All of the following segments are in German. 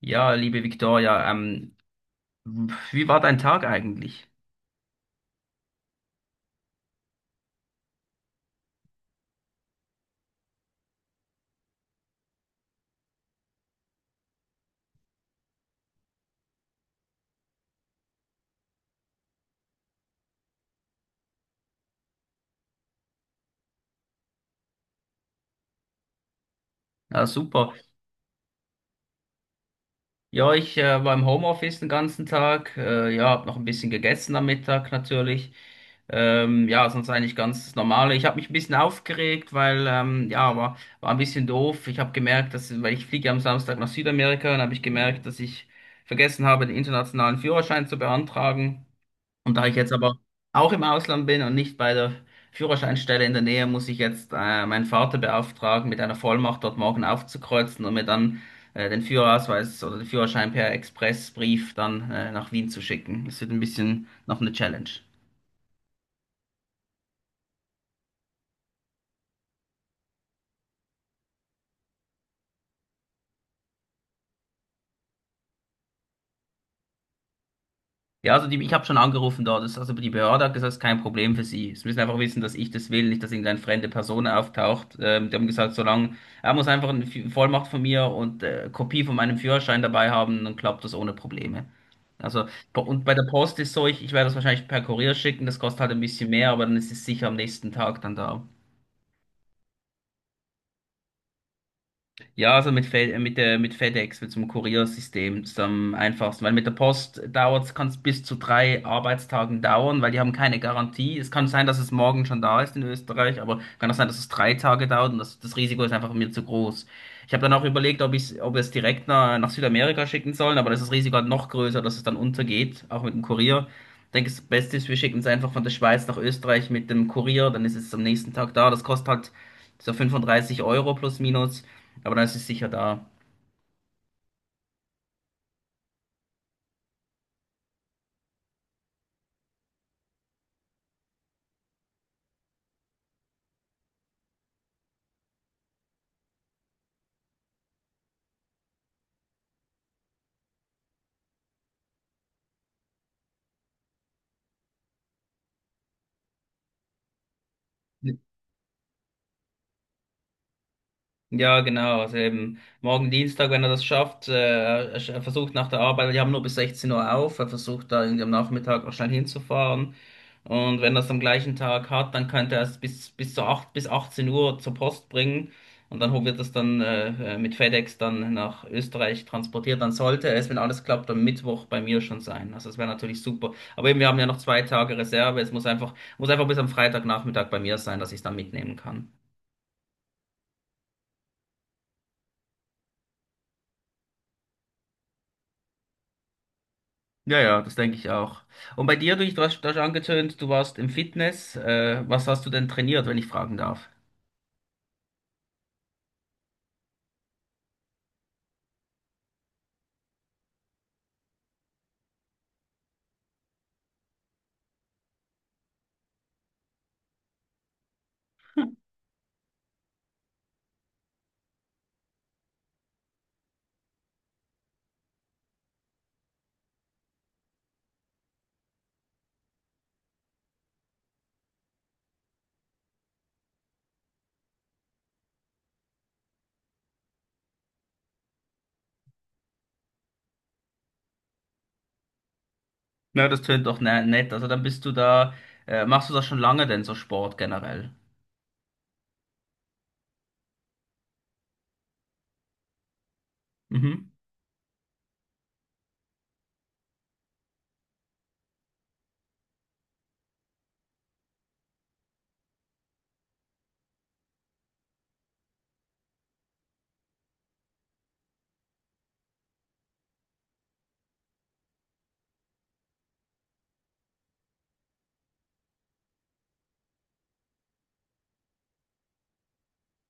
Ja, liebe Victoria, wie war dein Tag eigentlich? Ja, super. Ja, ich war im Homeoffice den ganzen Tag. Ja, hab noch ein bisschen gegessen am Mittag natürlich. Ja, sonst eigentlich ganz normal. Ich habe mich ein bisschen aufgeregt, weil ja, war ein bisschen doof. Ich habe gemerkt, dass, weil ich fliege ja am Samstag nach Südamerika, dann habe ich gemerkt, dass ich vergessen habe, den internationalen Führerschein zu beantragen. Und da ich jetzt aber auch im Ausland bin und nicht bei der Führerscheinstelle in der Nähe, muss ich jetzt meinen Vater beauftragen, mit einer Vollmacht dort morgen aufzukreuzen und mir dann den Führerausweis oder den Führerschein per Expressbrief dann nach Wien zu schicken. Das wird ein bisschen noch eine Challenge. Ja, also die, ich habe schon angerufen dort. Das, also die Behörde hat gesagt, es ist kein Problem für sie. Sie müssen einfach wissen, dass ich das will, nicht, dass irgendeine fremde Person auftaucht. Die haben gesagt, solange er muss einfach eine Vollmacht von mir und Kopie von meinem Führerschein dabei haben, dann klappt das ohne Probleme. Also, und bei der Post ist so, ich werde das wahrscheinlich per Kurier schicken, das kostet halt ein bisschen mehr, aber dann ist es sicher am nächsten Tag dann da. Ja, also mit FedEx, mit so einem Kuriersystem, ist am einfachsten. Weil mit der Post dauert kann es bis zu drei Arbeitstagen dauern, weil die haben keine Garantie. Es kann sein, dass es morgen schon da ist in Österreich, aber kann auch sein, dass es drei Tage dauert und das Risiko ist einfach mir zu groß. Ich habe dann auch überlegt, ob ich, ob wir es direkt nach Südamerika schicken sollen, aber das ist das Risiko halt noch größer, dass es dann untergeht, auch mit dem Kurier. Ich denke, das Beste ist, wir schicken es einfach von der Schweiz nach Österreich mit dem Kurier, dann ist es am nächsten Tag da. Das kostet halt so 35 Euro plus minus. Aber dann ist es sicher da. Ja, genau. Also eben morgen Dienstag, wenn er das schafft, er versucht nach der Arbeit, wir haben nur bis 16 Uhr auf, er versucht da irgendwie am Nachmittag noch schnell hinzufahren. Und wenn er es am gleichen Tag hat, dann könnte er es bis zu 8 bis 18 Uhr zur Post bringen. Und dann wird es dann mit FedEx dann nach Österreich transportiert. Dann sollte es, wenn alles klappt, am Mittwoch bei mir schon sein. Also das wäre natürlich super. Aber eben, wir haben ja noch zwei Tage Reserve. Muss einfach bis am Freitagnachmittag bei mir sein, dass ich es dann mitnehmen kann. Ja, ja, das denke ich auch. Und bei dir, du hast angetönt, du warst im Fitness. Was hast du denn trainiert, wenn ich fragen darf? Na, das tönt doch ne nett. Also dann bist du da, machst du das schon lange denn, so Sport generell?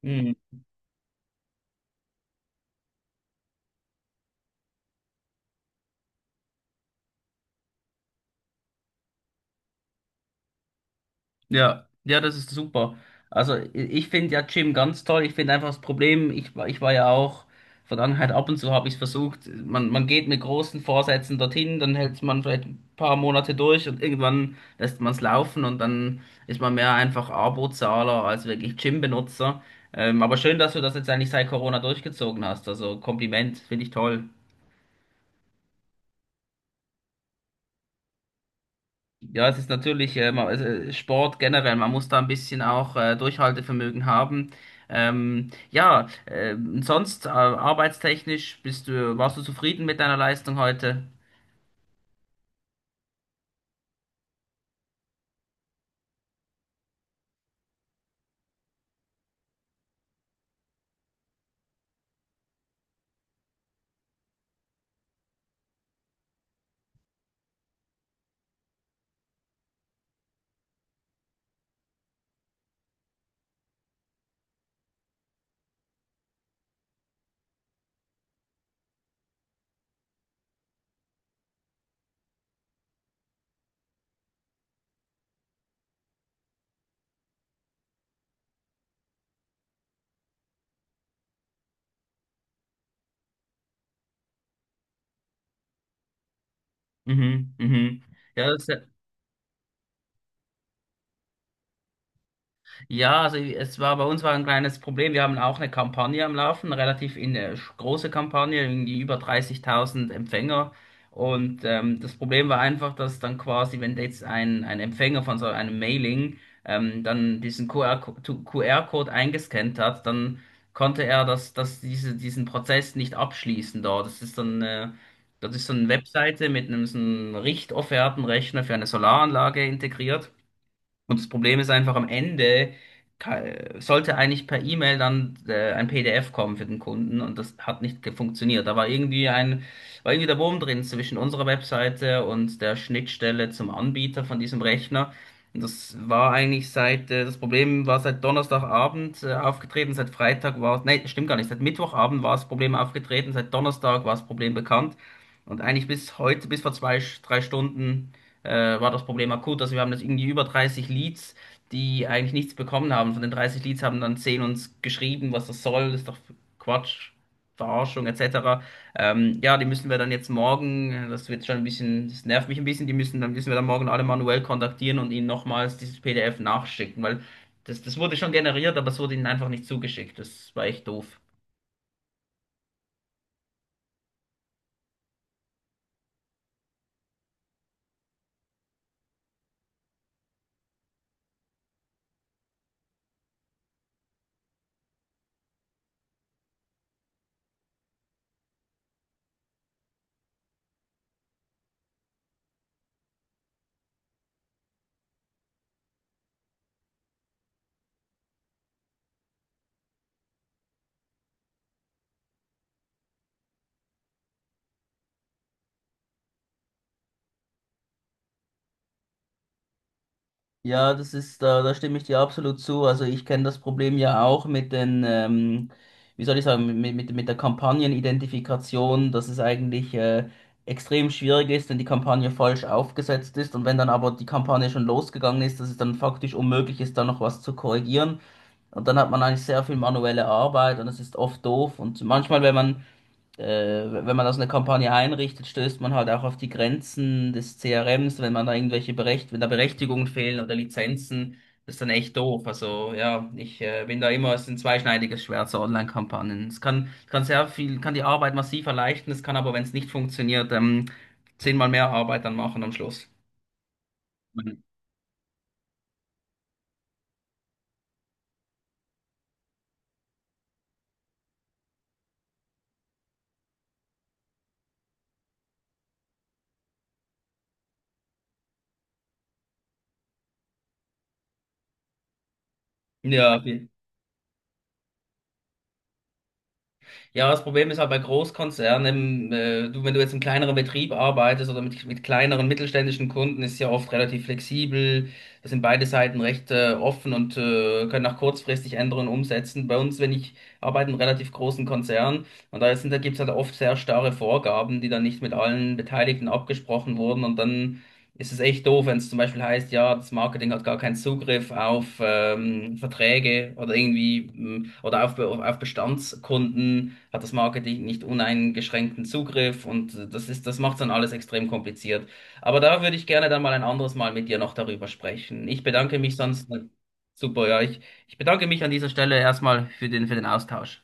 Mhm. Ja, ja, das ist super. Also ich finde ja Gym ganz toll. Ich finde einfach das Problem, ich war ja auch, Vergangenheit ab und zu habe ich es versucht, man geht mit großen Vorsätzen dorthin, dann hält man vielleicht ein paar Monate durch und irgendwann lässt man es laufen und dann ist man mehr einfach Abozahler als wirklich Gym-Benutzer. Aber schön, dass du das jetzt eigentlich seit Corona durchgezogen hast. Also Kompliment, finde ich toll. Ja, es ist natürlich Sport generell, man muss da ein bisschen auch Durchhaltevermögen haben. Ja, Sonst arbeitstechnisch warst du zufrieden mit deiner Leistung heute? Mhm, mhm. Ja, das, Ja, also es war bei uns war ein kleines Problem. Wir haben auch eine Kampagne am Laufen, eine relativ große Kampagne, irgendwie über 30.000 Empfänger. Und das Problem war einfach, dass dann quasi, wenn jetzt ein Empfänger von so einem Mailing dann diesen QR-Code eingescannt hat, dann konnte er diesen Prozess nicht abschließen dort. Das ist dann, das ist so eine Webseite mit so einem Richtoffertenrechner für eine Solaranlage integriert. Und das Problem ist einfach, am Ende ka- sollte eigentlich per E-Mail dann ein PDF kommen für den Kunden und das hat nicht funktioniert. Da war war irgendwie der Wurm drin zwischen unserer Webseite und der Schnittstelle zum Anbieter von diesem Rechner. Und das war eigentlich das Problem war seit Donnerstagabend aufgetreten, seit Freitag war es, nee, stimmt gar nicht, seit Mittwochabend war das Problem aufgetreten, seit Donnerstag war das Problem bekannt. Und eigentlich bis heute, bis vor zwei, drei Stunden war das Problem akut. Also wir haben das irgendwie über 30 Leads, die eigentlich nichts bekommen haben. Von den 30 Leads haben dann 10 uns geschrieben, was das soll, ist doch Quatsch, Verarschung etc. Ja, die müssen wir dann jetzt morgen, das wird schon ein bisschen, das nervt mich ein bisschen, die müssen wir dann morgen alle manuell kontaktieren und ihnen nochmals dieses PDF nachschicken, weil das, das wurde schon generiert, aber es wurde ihnen einfach nicht zugeschickt. Das war echt doof. Ja, das ist, da stimme ich dir absolut zu. Also ich kenne das Problem ja auch mit den, wie soll ich sagen, mit der Kampagnenidentifikation, dass es eigentlich extrem schwierig ist, wenn die Kampagne falsch aufgesetzt ist und wenn dann aber die Kampagne schon losgegangen ist, dass es dann faktisch unmöglich ist, da noch was zu korrigieren. Und dann hat man eigentlich sehr viel manuelle Arbeit und das ist oft doof. Und manchmal, wenn man wenn man das eine Kampagne einrichtet, stößt man halt auch auf die Grenzen des CRMs, wenn man da irgendwelche Berecht wenn da Berechtigungen fehlen oder Lizenzen, das ist dann echt doof. Also ja, ich bin da immer, es ist ein zweischneidiges Schwert, so Online-Kampagnen. Es kann, kann sehr viel, kann die Arbeit massiv erleichtern, es kann aber, wenn es nicht funktioniert, 10-mal mehr Arbeit dann machen am Schluss. Ja, ja, das Problem ist halt bei Großkonzernen, wenn du jetzt im kleineren Betrieb arbeitest oder mit kleineren mittelständischen Kunden, ist es ja oft relativ flexibel. Da sind beide Seiten recht offen und können auch kurzfristig Änderungen umsetzen. Bei uns, wenn ich arbeite in einem relativ großen Konzern und da gibt es halt oft sehr starre Vorgaben, die dann nicht mit allen Beteiligten abgesprochen wurden und dann ist es echt doof, wenn es zum Beispiel heißt, ja, das Marketing hat gar keinen Zugriff auf Verträge oder oder auf, auf Bestandskunden hat das Marketing nicht uneingeschränkten Zugriff und das ist, das macht dann alles extrem kompliziert. Aber da würde ich gerne dann mal ein anderes Mal mit dir noch darüber sprechen. Ich bedanke mich sonst. Super, ich bedanke mich an dieser Stelle erstmal für den Austausch.